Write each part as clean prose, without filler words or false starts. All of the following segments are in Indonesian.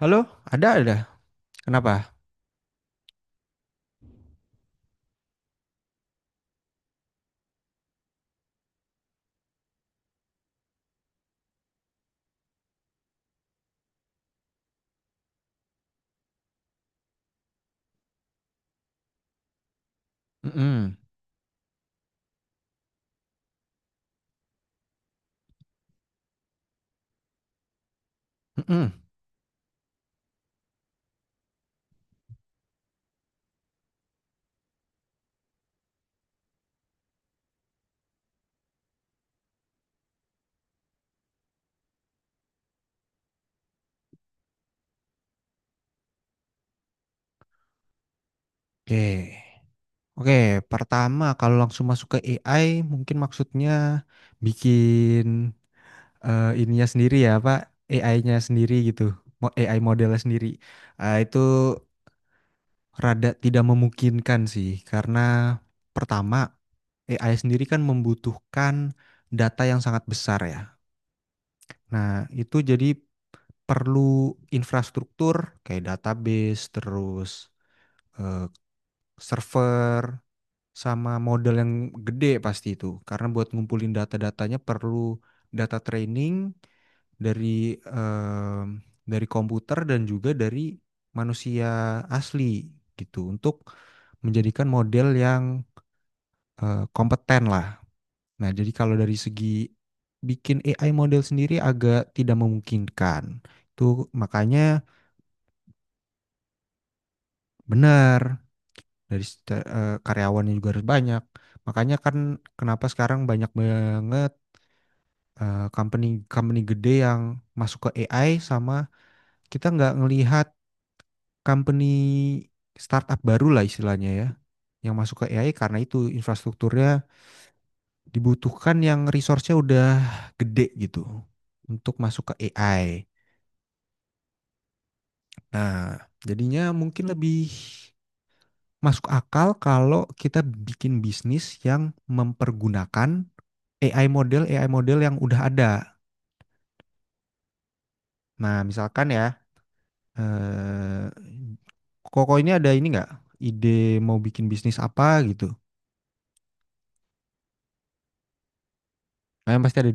Halo, ada ada. Kenapa? Mm-mm, mm-mm. Oke. Oke, pertama kalau langsung masuk ke AI mungkin maksudnya bikin ininya sendiri ya, Pak. AI-nya sendiri gitu. AI modelnya sendiri. Ah, itu rada tidak memungkinkan sih karena pertama AI sendiri kan membutuhkan data yang sangat besar ya. Nah, itu jadi perlu infrastruktur kayak database terus eh, server sama model yang gede pasti itu karena buat ngumpulin data-datanya perlu data training dari dari komputer dan juga dari manusia asli gitu untuk menjadikan model yang kompeten lah. Nah, jadi kalau dari segi bikin AI model sendiri agak tidak memungkinkan. Itu makanya benar dari karyawannya juga harus banyak. Makanya kan kenapa sekarang banyak banget company company gede yang masuk ke AI sama kita nggak ngelihat company startup baru lah istilahnya ya yang masuk ke AI karena itu infrastrukturnya dibutuhkan yang resource-nya udah gede gitu untuk masuk ke AI. Nah, jadinya mungkin lebih masuk akal kalau kita bikin bisnis yang mempergunakan AI model AI model yang udah ada. Nah, misalkan ya, eh, Koko ini ada ini nggak ide mau bikin bisnis apa gitu? Nah, yang pasti ada.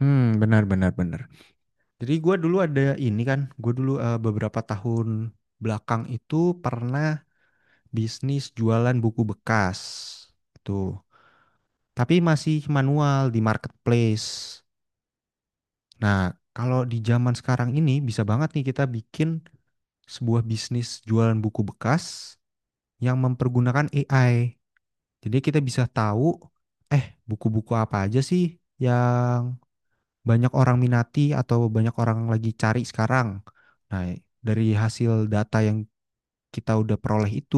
Hmm, benar benar benar. Jadi gue dulu ada ini kan, gue dulu beberapa tahun belakang itu pernah bisnis jualan buku bekas itu, tapi masih manual di marketplace. Nah, kalau di zaman sekarang ini bisa banget nih kita bikin sebuah bisnis jualan buku bekas yang mempergunakan AI. Jadi kita bisa tahu, buku-buku apa aja sih yang banyak orang minati atau banyak orang lagi cari sekarang. Nah, dari hasil data yang kita udah peroleh itu,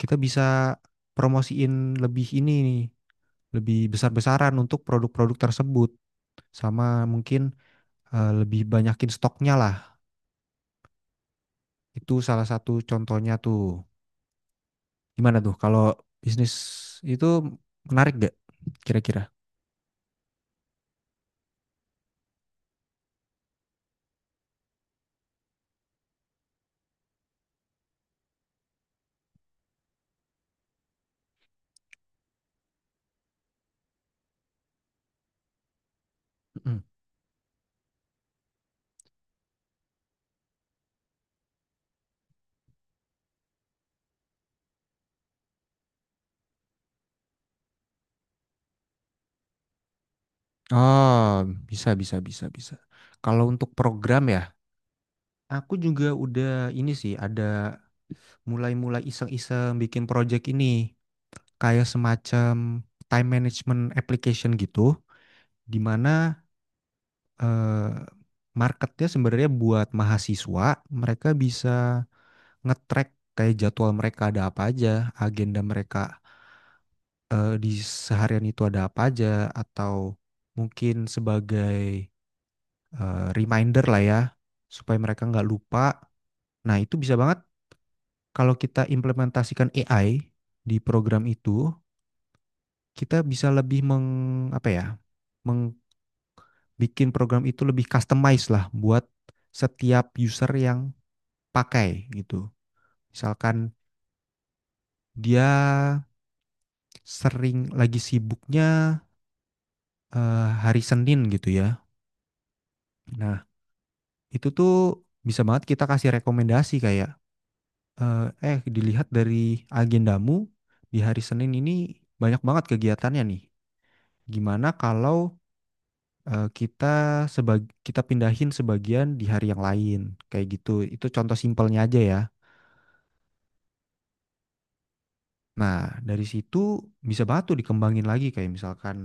kita bisa promosiin lebih ini nih, lebih besar-besaran untuk produk-produk tersebut. Sama mungkin lebih banyakin stoknya lah. Itu salah satu contohnya tuh. Gimana tuh kalau bisnis itu menarik gak kira-kira? Mm. Oh, bisa, bisa, bisa, bisa. Kalau untuk program ya, aku juga udah ini sih, ada mulai-mulai iseng-iseng bikin project ini. Kayak semacam time management application gitu, di mana eh, marketnya sebenarnya buat mahasiswa, mereka bisa nge-track kayak jadwal mereka ada apa aja, agenda mereka di seharian itu ada apa aja, atau mungkin sebagai reminder lah ya, supaya mereka nggak lupa. Nah, itu bisa banget kalau kita implementasikan AI di program itu, kita bisa lebih apa ya, membikin program itu lebih customized lah buat setiap user yang pakai gitu. Misalkan dia sering lagi sibuknya hari Senin gitu ya. Nah, itu tuh bisa banget kita kasih rekomendasi kayak dilihat dari agendamu di hari Senin ini banyak banget kegiatannya nih. Gimana kalau kita sebag kita pindahin sebagian di hari yang lain kayak gitu. Itu contoh simpelnya aja ya. Nah, dari situ bisa banget tuh dikembangin lagi kayak misalkan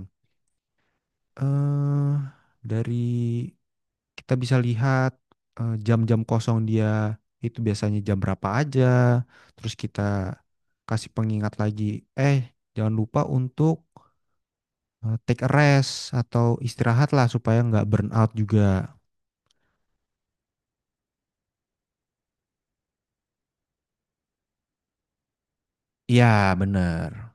eh dari kita bisa lihat jam-jam kosong dia itu biasanya jam berapa aja. Terus kita kasih pengingat lagi, eh jangan lupa untuk take a rest atau istirahat lah supaya nggak burn out juga. Ya, bener.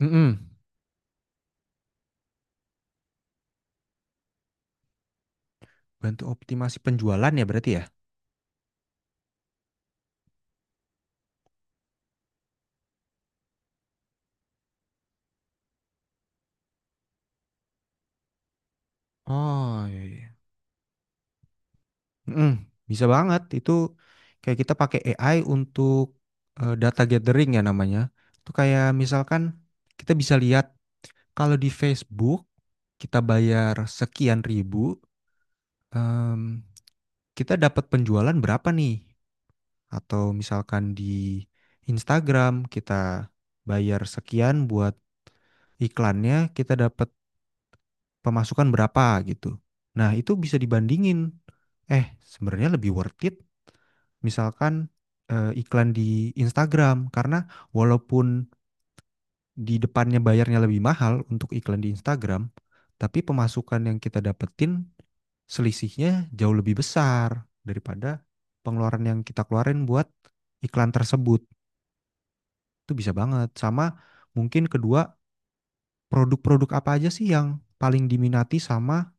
Mm-mm. Bantu optimasi penjualan ya berarti ya? Oh, iya, iya. Mm-mm. Bisa banget. Itu kayak kita pakai AI untuk data gathering ya namanya. Itu kayak misalkan kita bisa lihat kalau di Facebook kita bayar sekian ribu, em, kita dapat penjualan berapa nih? Atau misalkan di Instagram kita bayar sekian buat iklannya, kita dapat pemasukan berapa gitu. Nah, itu bisa dibandingin. Sebenarnya lebih worth it misalkan iklan di Instagram karena walaupun di depannya bayarnya lebih mahal untuk iklan di Instagram, tapi pemasukan yang kita dapetin selisihnya jauh lebih besar daripada pengeluaran yang kita keluarin buat iklan tersebut. Itu bisa banget. Sama mungkin kedua, produk-produk apa aja sih yang paling diminati sama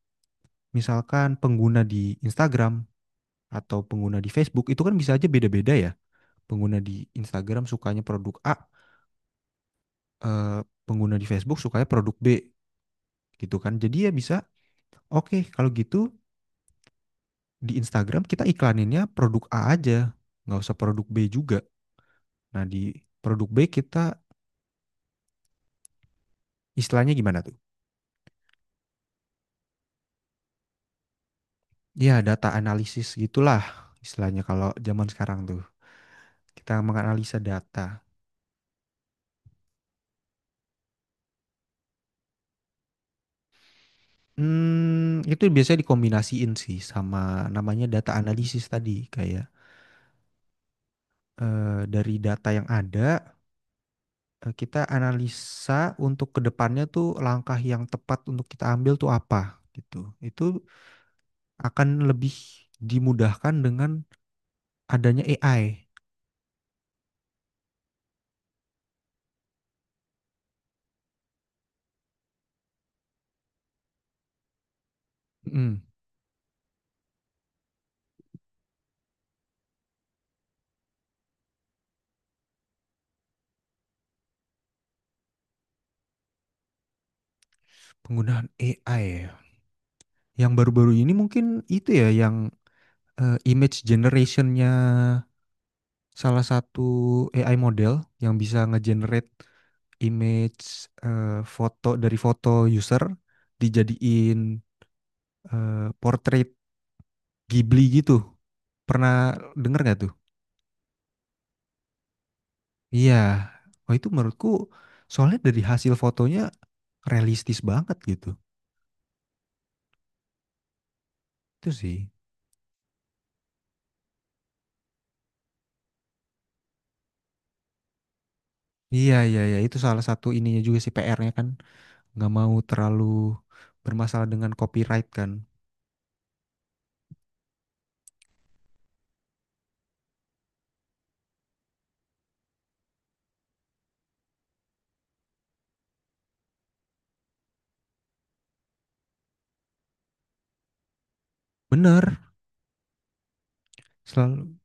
misalkan pengguna di Instagram atau pengguna di Facebook. Itu kan bisa aja beda-beda ya. Pengguna di Instagram sukanya produk A, eh, pengguna di Facebook sukanya produk B gitu kan. Jadi ya bisa, oke kalau gitu di Instagram kita iklaninnya produk A aja, nggak usah produk B juga. Nah di produk B kita istilahnya gimana tuh? Ya data analisis gitulah istilahnya kalau zaman sekarang tuh. Kita menganalisa data. Itu biasanya dikombinasiin sih sama namanya data analisis tadi, kayak dari data yang ada kita analisa untuk ke depannya tuh langkah yang tepat untuk kita ambil tuh apa gitu. Itu akan lebih dimudahkan dengan adanya AI. Mm, penggunaan AI ya. Yang baru-baru ini mungkin itu ya yang image generationnya salah satu AI model yang bisa ngegenerate image foto dari foto user dijadiin portrait Ghibli gitu. Pernah denger nggak tuh? Iya, oh itu menurutku soalnya dari hasil fotonya realistis banget gitu. Itu sih. Iya, iya, iya, itu salah satu ininya juga sih PR-nya kan nggak mau terlalu bermasalah dengan copyright kan. Bener, selalu.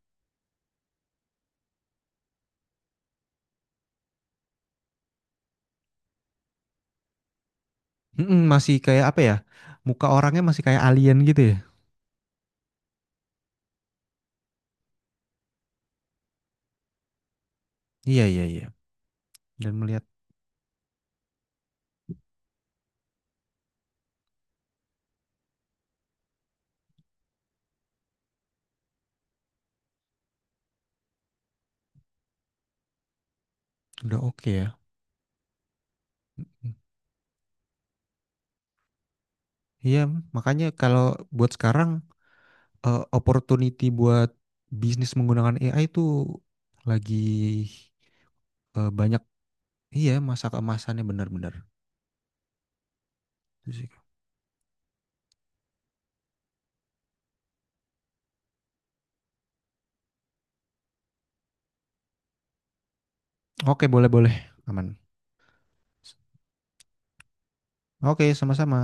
Mm-mm, masih kayak apa ya? Muka orangnya masih kayak alien gitu ya. Iya, iya, iya. Dan melihat udah oke ya. Iya, makanya kalau buat sekarang opportunity buat bisnis menggunakan AI itu lagi banyak. Iya, masa keemasannya benar-benar. Oke, boleh-boleh. Aman. Oke, sama-sama.